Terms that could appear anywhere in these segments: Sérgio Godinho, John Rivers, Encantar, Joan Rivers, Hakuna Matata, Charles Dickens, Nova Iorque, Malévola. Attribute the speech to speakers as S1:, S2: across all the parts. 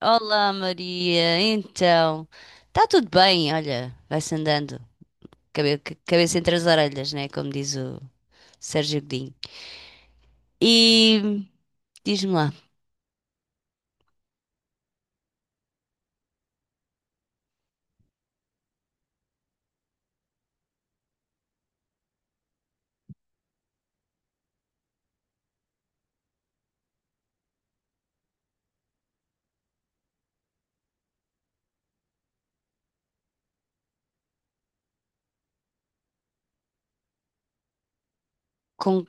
S1: Olá Maria, então, está tudo bem. Olha, vai-se andando, cabeça entre as orelhas, né, como diz o Sérgio Godinho. E diz-me lá, con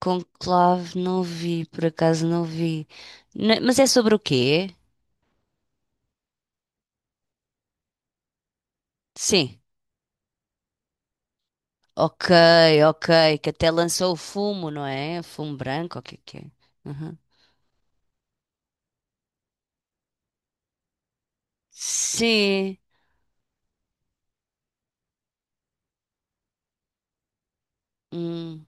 S1: conclave não vi, por acaso não vi. Mas é sobre o quê? Sim, ok, ok, que até lançou o fumo, não é? Fumo branco, o que é que é? Uhum. Sim, hum,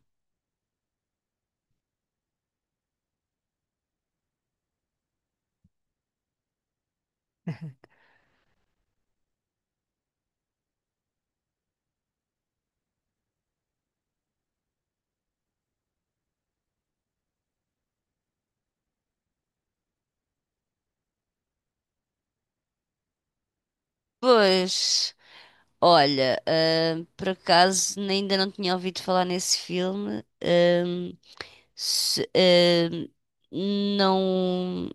S1: pois. Olha, por acaso ainda não tinha ouvido falar nesse filme. Se- ahm, não,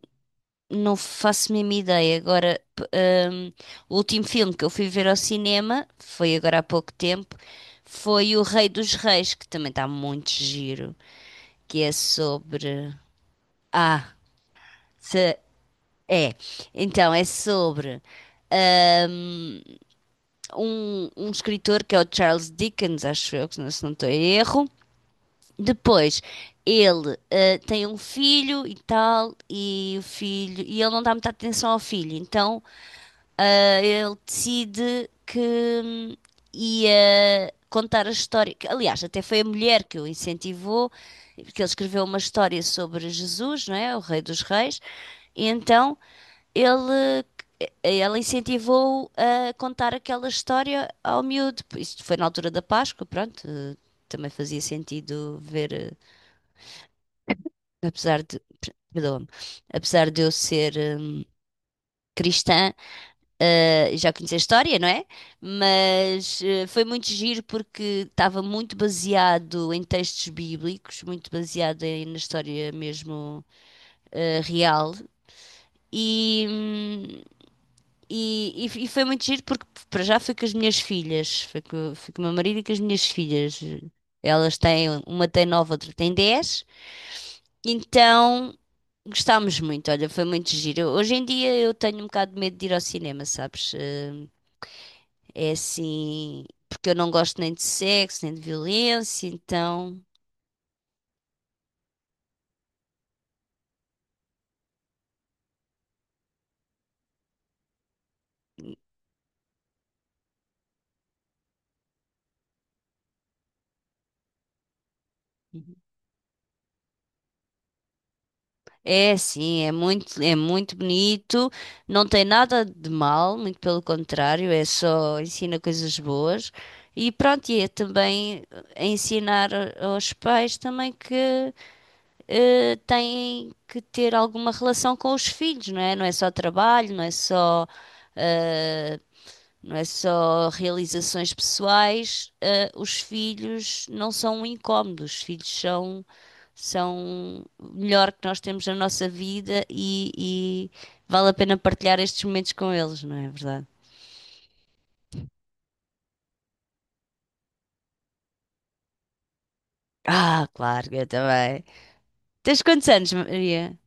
S1: não faço a mesma ideia. Agora, o último filme que eu fui ver ao cinema, foi agora há pouco tempo, foi O Rei dos Reis, que também está muito giro, que é sobre. Ah, se- é. Então, é sobre hum, um escritor que é o Charles Dickens, acho eu, que não- se não estou em erro. Depois, ele tem um filho e tal, e o filho, e ele não dá muita atenção ao filho. Então ele decide que hum, ia contar a história. Que, aliás, até foi a mulher que o incentivou, porque ele escreveu uma história sobre Jesus, não é? O Rei dos Reis. E então ele, ela incentivou-o a contar aquela história ao miúdo. Isto foi na altura da Páscoa, pronto. Também fazia sentido ver, apesar de, perdoa-me, apesar de eu ser cristã. Já conheci a história, não é? Mas foi muito giro porque estava muito baseado em textos bíblicos, muito baseado na história mesmo, real. E, hum, e foi muito giro porque, para já, foi com as minhas filhas, foi com o meu marido e com as minhas filhas. Elas têm, uma tem 9, outra tem 10. Então gostámos muito. Olha, foi muito giro. Hoje em dia eu tenho um bocado de medo de ir ao cinema, sabes? É assim, porque eu não gosto nem de sexo, nem de violência. Então é assim, é muito bonito, não tem nada de mal, muito pelo contrário, é só ensina coisas boas. E pronto, e é também ensinar, aos pais, também, que têm que ter alguma relação com os filhos, não é? Não é só trabalho, não é só eh, não é só realizações pessoais. Os filhos não são um incómodo, os filhos são, são o melhor que nós temos na nossa vida, e vale a pena partilhar estes momentos com eles, não é verdade? Ah, claro, eu também. Tens quantos anos, Maria?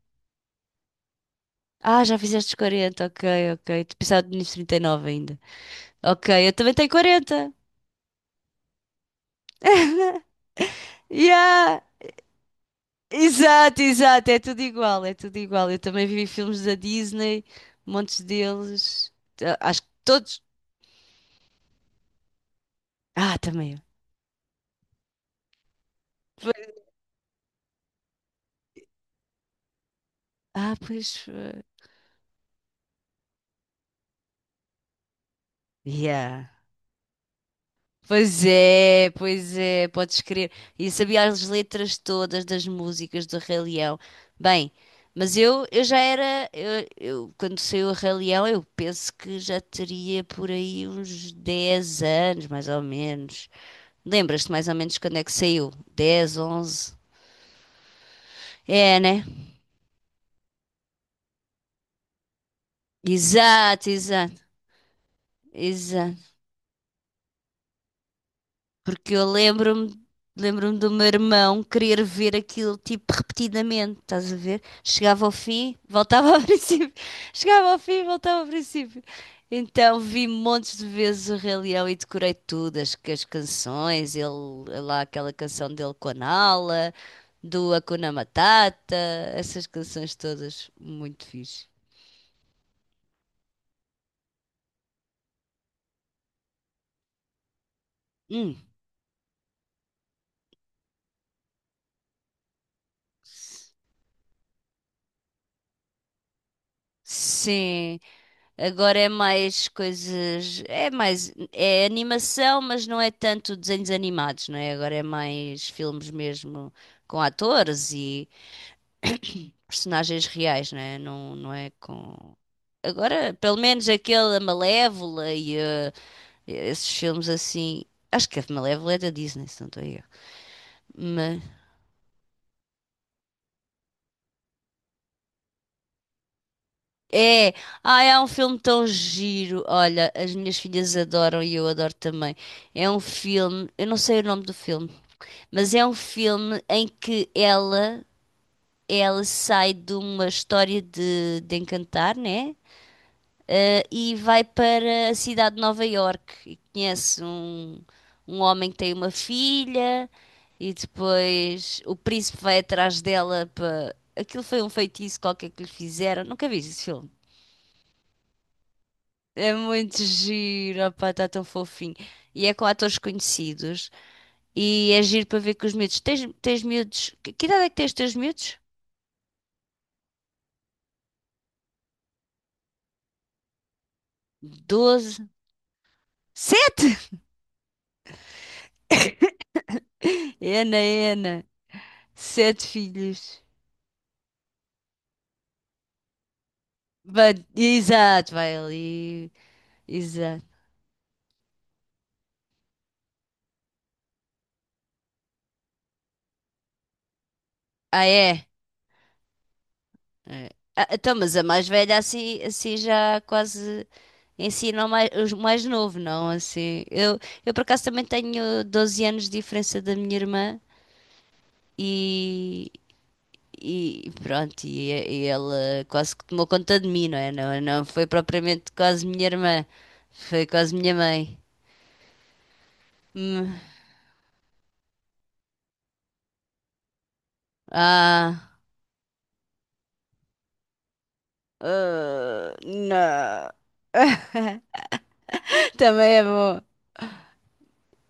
S1: Ah, já fizeste os 40, ok, ok. Tu pensava nos 39 ainda. Ok, eu também tenho 40. Yeah! Exato, exato, é tudo igual, é tudo igual. Eu também vi filmes da Disney, montes deles. Ah, acho que todos. Ah, também eu. Pois. Ah, pois. Yeah. Pois é, podes crer. E sabia as letras todas das músicas do Rei Leão. Bem, mas eu já era. Quando saiu o Rei Leão, eu penso que já teria por aí uns 10 anos, mais ou menos. Lembras-te mais ou menos quando é que saiu? 10, 11. É, né? Exato, exato, exato. Porque eu lembro-me do meu irmão querer ver aquilo tipo repetidamente, estás a ver? Chegava ao fim, voltava ao princípio. Chegava ao fim, voltava ao princípio. Então vi montes de vezes o Rei Leão e decorei tudo, as canções, ele lá aquela canção dele com a Nala, do Hakuna Matata, essas canções todas muito fixe. Hum. Sim. Agora é mais coisas. É mais. É animação, mas não é tanto desenhos animados, não é? Agora é mais filmes mesmo com atores e personagens reais, não é? Não, não é com. Agora, pelo menos aquele a Malévola e esses filmes assim. Acho que a Malévola é da Disney, se não estou a erro. Mas. É! Ai, é um filme tão giro. Olha, as minhas filhas adoram e eu adoro também. É um filme. Eu não sei o nome do filme. Mas é um filme em que ela sai de uma história de Encantar, né? E vai para a cidade de Nova Iorque e conhece um homem que tem uma filha, e depois o príncipe vai atrás dela para. Aquilo foi um feitiço qualquer que lhe fizeram. Nunca vi esse filme. É muito giro, opá, está tão fofinho. E é com atores conhecidos. E é giro para ver com os miúdos. Tens miúdos. Que idade é que tens os teus miúdos? 12. Sete. Ena, ena, sete filhos. Exato, vai ali. Exato. Ah, é? É. Ah, então, mas a mais velha, assim, assim já quase ensina o mais, os mais novo, não? Assim, eu por acaso também tenho 12 anos de diferença da minha irmã, e, e pronto, e ela quase que tomou conta de mim, não é? Não, não foi propriamente quase minha irmã, foi quase minha mãe. Hum. Ah, ah, não. Também é bom.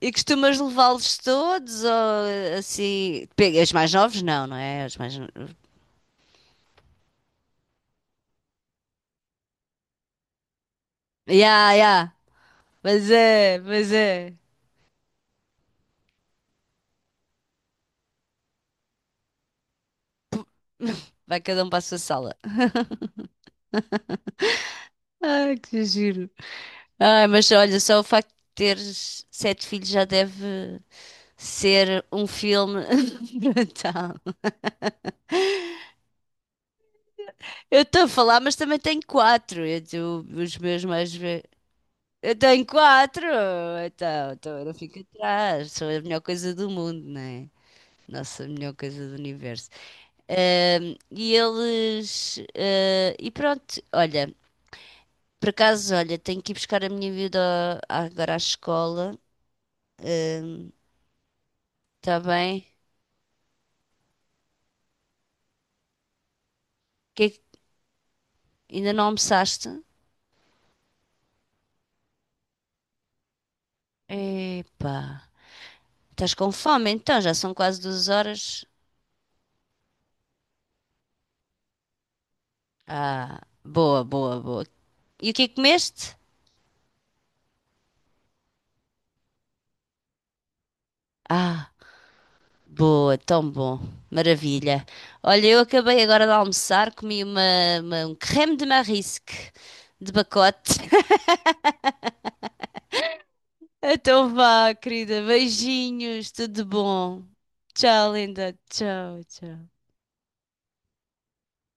S1: E costumas levá-los todos ou assim? Pega, os mais novos? Não, não é? Os mais. Ya, ya. Mas é, mas é. Vai cada um para a sua sala. Ai, que giro. Ai, mas olha, só o facto de teres sete filhos já deve ser um filme brutal. Eu estou a falar, mas também tenho quatro. Eu- os meus mais Eu tenho quatro, então eu não fico atrás, sou a melhor coisa do mundo, não é? Nossa, a melhor coisa do universo. E eles. E pronto, olha, por acaso, olha, tenho que ir buscar a minha vida agora à escola. Está bem? Que é que- Ainda não almoçaste? Epá, estás com fome então, já são quase 2 horas. Ah, boa, boa, boa. E o que é que comeste? Ah. Boa, tão bom. Maravilha. Olha, eu acabei agora de almoçar, comi uma, um creme de marisque de pacote. Então vá, querida. Beijinhos, tudo bom. Tchau, linda. Tchau, tchau.